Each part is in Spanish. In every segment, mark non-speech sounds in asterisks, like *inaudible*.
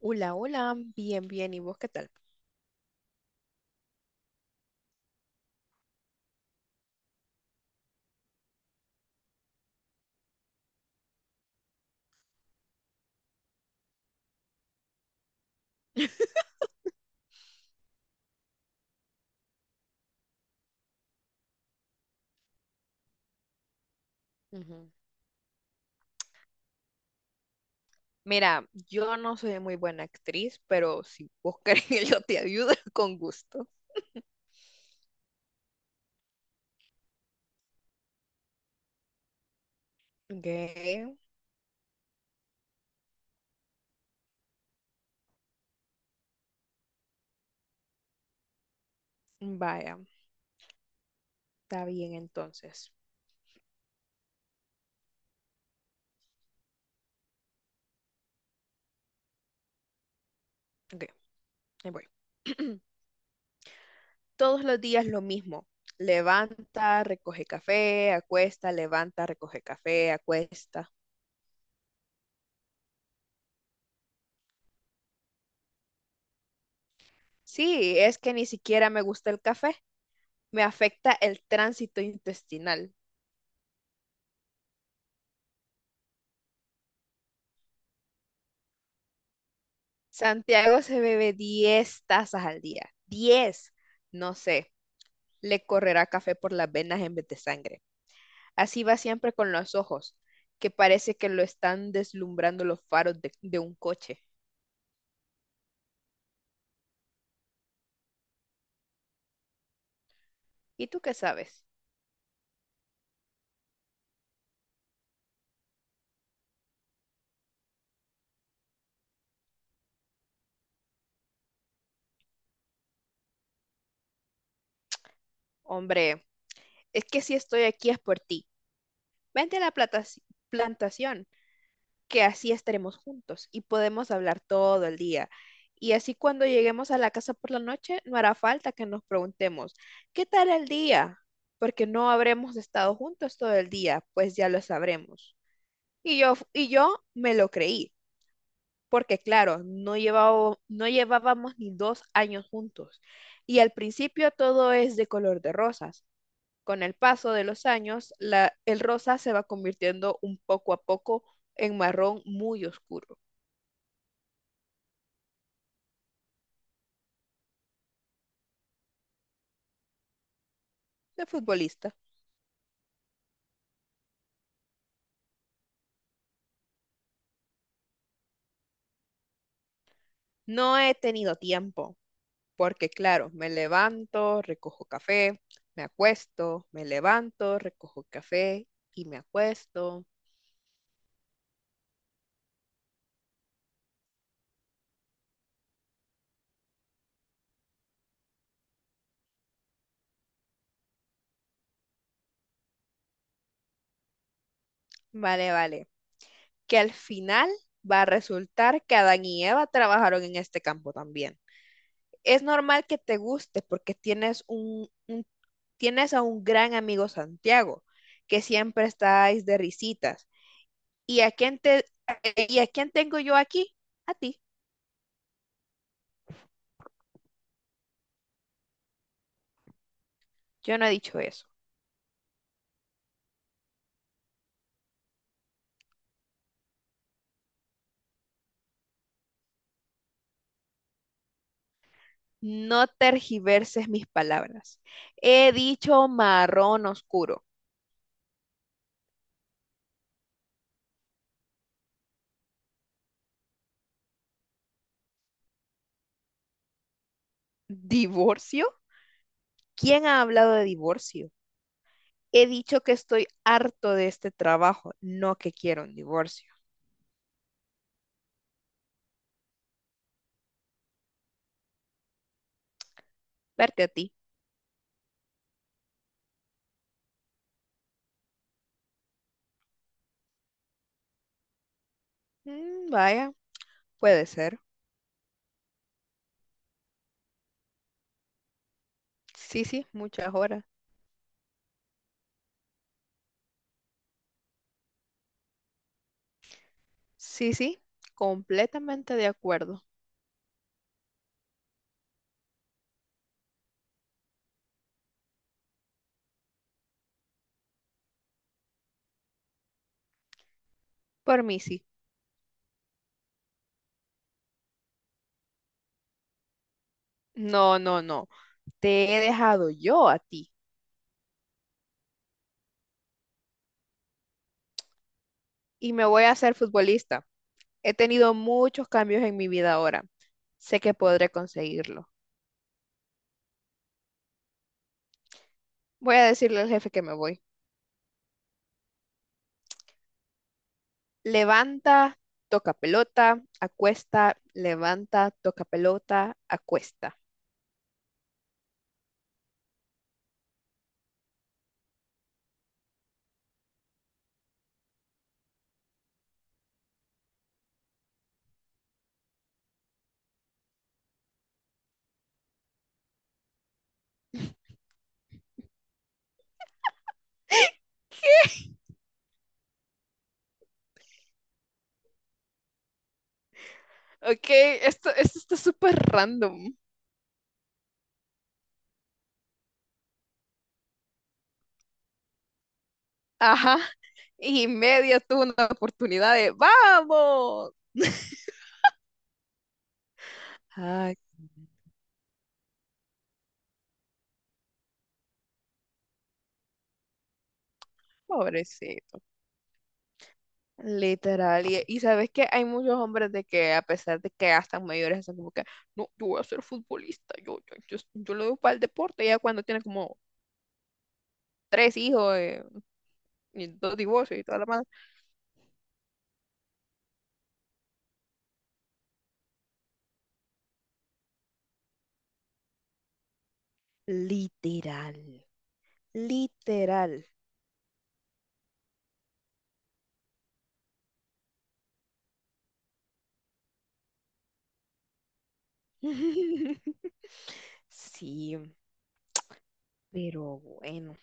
Hola, hola, bien, bien, ¿y vos qué tal? Ujú. Mira, yo no soy muy buena actriz, pero si vos querés *laughs* yo te ayudo *laughs* con gusto. Ok, vaya, está bien entonces. Ok, ahí voy. *clears throat* Todos los días lo mismo. Levanta, recoge café, acuesta, levanta, recoge café, acuesta. Sí, es que ni siquiera me gusta el café. Me afecta el tránsito intestinal. Santiago se bebe 10 tazas al día. 10, no sé, le correrá café por las venas en vez de sangre. Así va siempre con los ojos, que parece que lo están deslumbrando los faros de un coche. ¿Y tú qué sabes? Hombre, es que si estoy aquí es por ti. Vente a la plantación. Que así estaremos juntos y podemos hablar todo el día. Y así cuando lleguemos a la casa por la noche, no hará falta que nos preguntemos, ¿qué tal el día? Porque no habremos estado juntos todo el día, pues ya lo sabremos. Y yo me lo creí, porque claro, no llevábamos ni 2 años juntos. Y al principio todo es de color de rosas. Con el paso de los años, el rosa se va convirtiendo un poco a poco en marrón muy oscuro. De futbolista. No he tenido tiempo, porque claro, me levanto, recojo café, me acuesto, me levanto, recojo café y me acuesto. Vale, vale. Que al final va a resultar que Adán y Eva trabajaron en este campo también. Es normal que te guste porque tienes a un gran amigo Santiago, que siempre estáis de risitas. ¿Y a quién te, y a quién tengo yo aquí? A ti. Yo no he dicho eso. No tergiverses mis palabras. He dicho marrón oscuro. ¿Divorcio? ¿Quién ha hablado de divorcio? He dicho que estoy harto de este trabajo, no que quiero un divorcio. Verte a ti. Vaya, puede ser. Sí, sí, muchas horas. Sí, sí, completamente de acuerdo. Por mí sí. No, no, no. Te he dejado yo a ti y me voy a hacer futbolista. He tenido muchos cambios en mi vida ahora. Sé que podré conseguirlo. Voy a decirle al jefe que me voy. Levanta, toca pelota, acuesta, levanta, toca pelota, acuesta. *laughs* Ok, esto está súper random. Ajá. Y media tuvo una oportunidad de ¡Vamos! *laughs* Ay, pobrecito. Literal, y sabes que hay muchos hombres de que a pesar de que ya están mayores, están como que, no, yo voy a ser futbolista, yo lo doy para el deporte, ya cuando tiene como tres hijos, y dos divorcios y toda la madre. Literal, literal. *laughs* Sí, pero bueno.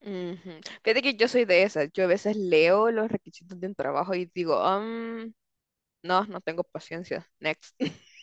Ujú. Fíjate que yo soy de esas, yo a veces leo los requisitos de un trabajo y digo, No, no tengo paciencia, next." *laughs*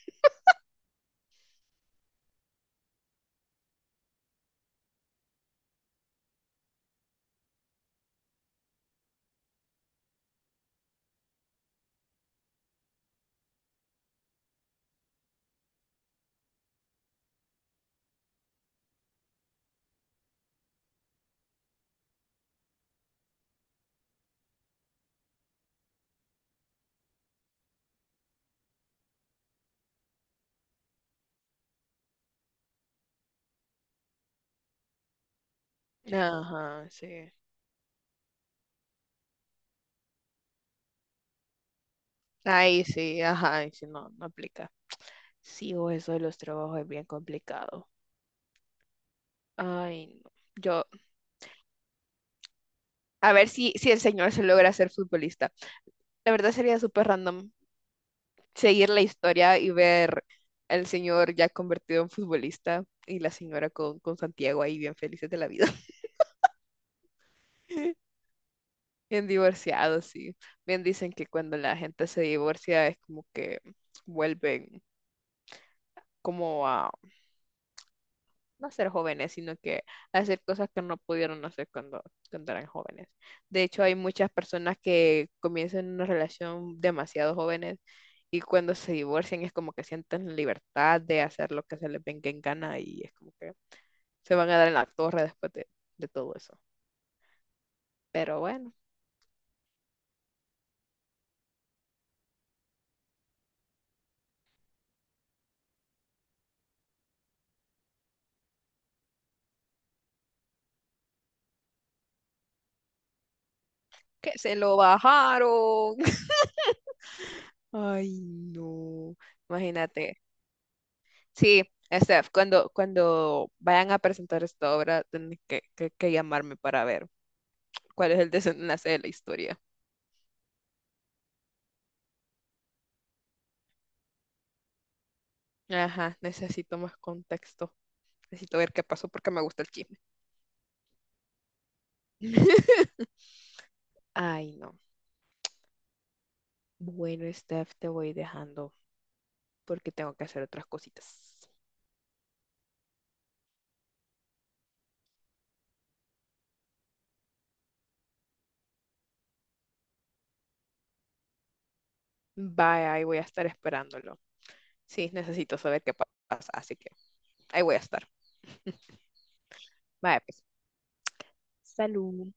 Ajá, sí. Ahí sí, ajá, ahí sí, no, no aplica. Sí, o eso de los trabajos es bien complicado. Ay, no. Yo, a ver si el señor se logra ser futbolista. La verdad sería súper random seguir la historia y ver al señor ya convertido en futbolista y la señora con, Santiago ahí bien felices de la vida. *laughs* Bien divorciados, sí. Bien dicen que cuando la gente se divorcia es como que vuelven como a no ser jóvenes, sino que hacer cosas que no pudieron hacer cuando eran jóvenes. De hecho, hay muchas personas que comienzan una relación demasiado jóvenes y cuando se divorcian es como que sienten libertad de hacer lo que se les venga en gana y es como que se van a dar en la torre de todo eso. Pero bueno, que se lo bajaron. *laughs* Ay, no. Imagínate. Sí. Steph, cuando vayan a presentar esta obra, tienen que llamarme para ver cuál es el desenlace de la historia. Ajá, necesito más contexto. Necesito ver qué pasó porque me gusta el chisme. *laughs* Ay, no. Bueno, Steph, te voy dejando porque tengo que hacer otras cositas. Bye, ahí voy a estar esperándolo. Sí, necesito saber pasa, así que ahí voy a estar. *laughs* Bye, pues. Salud.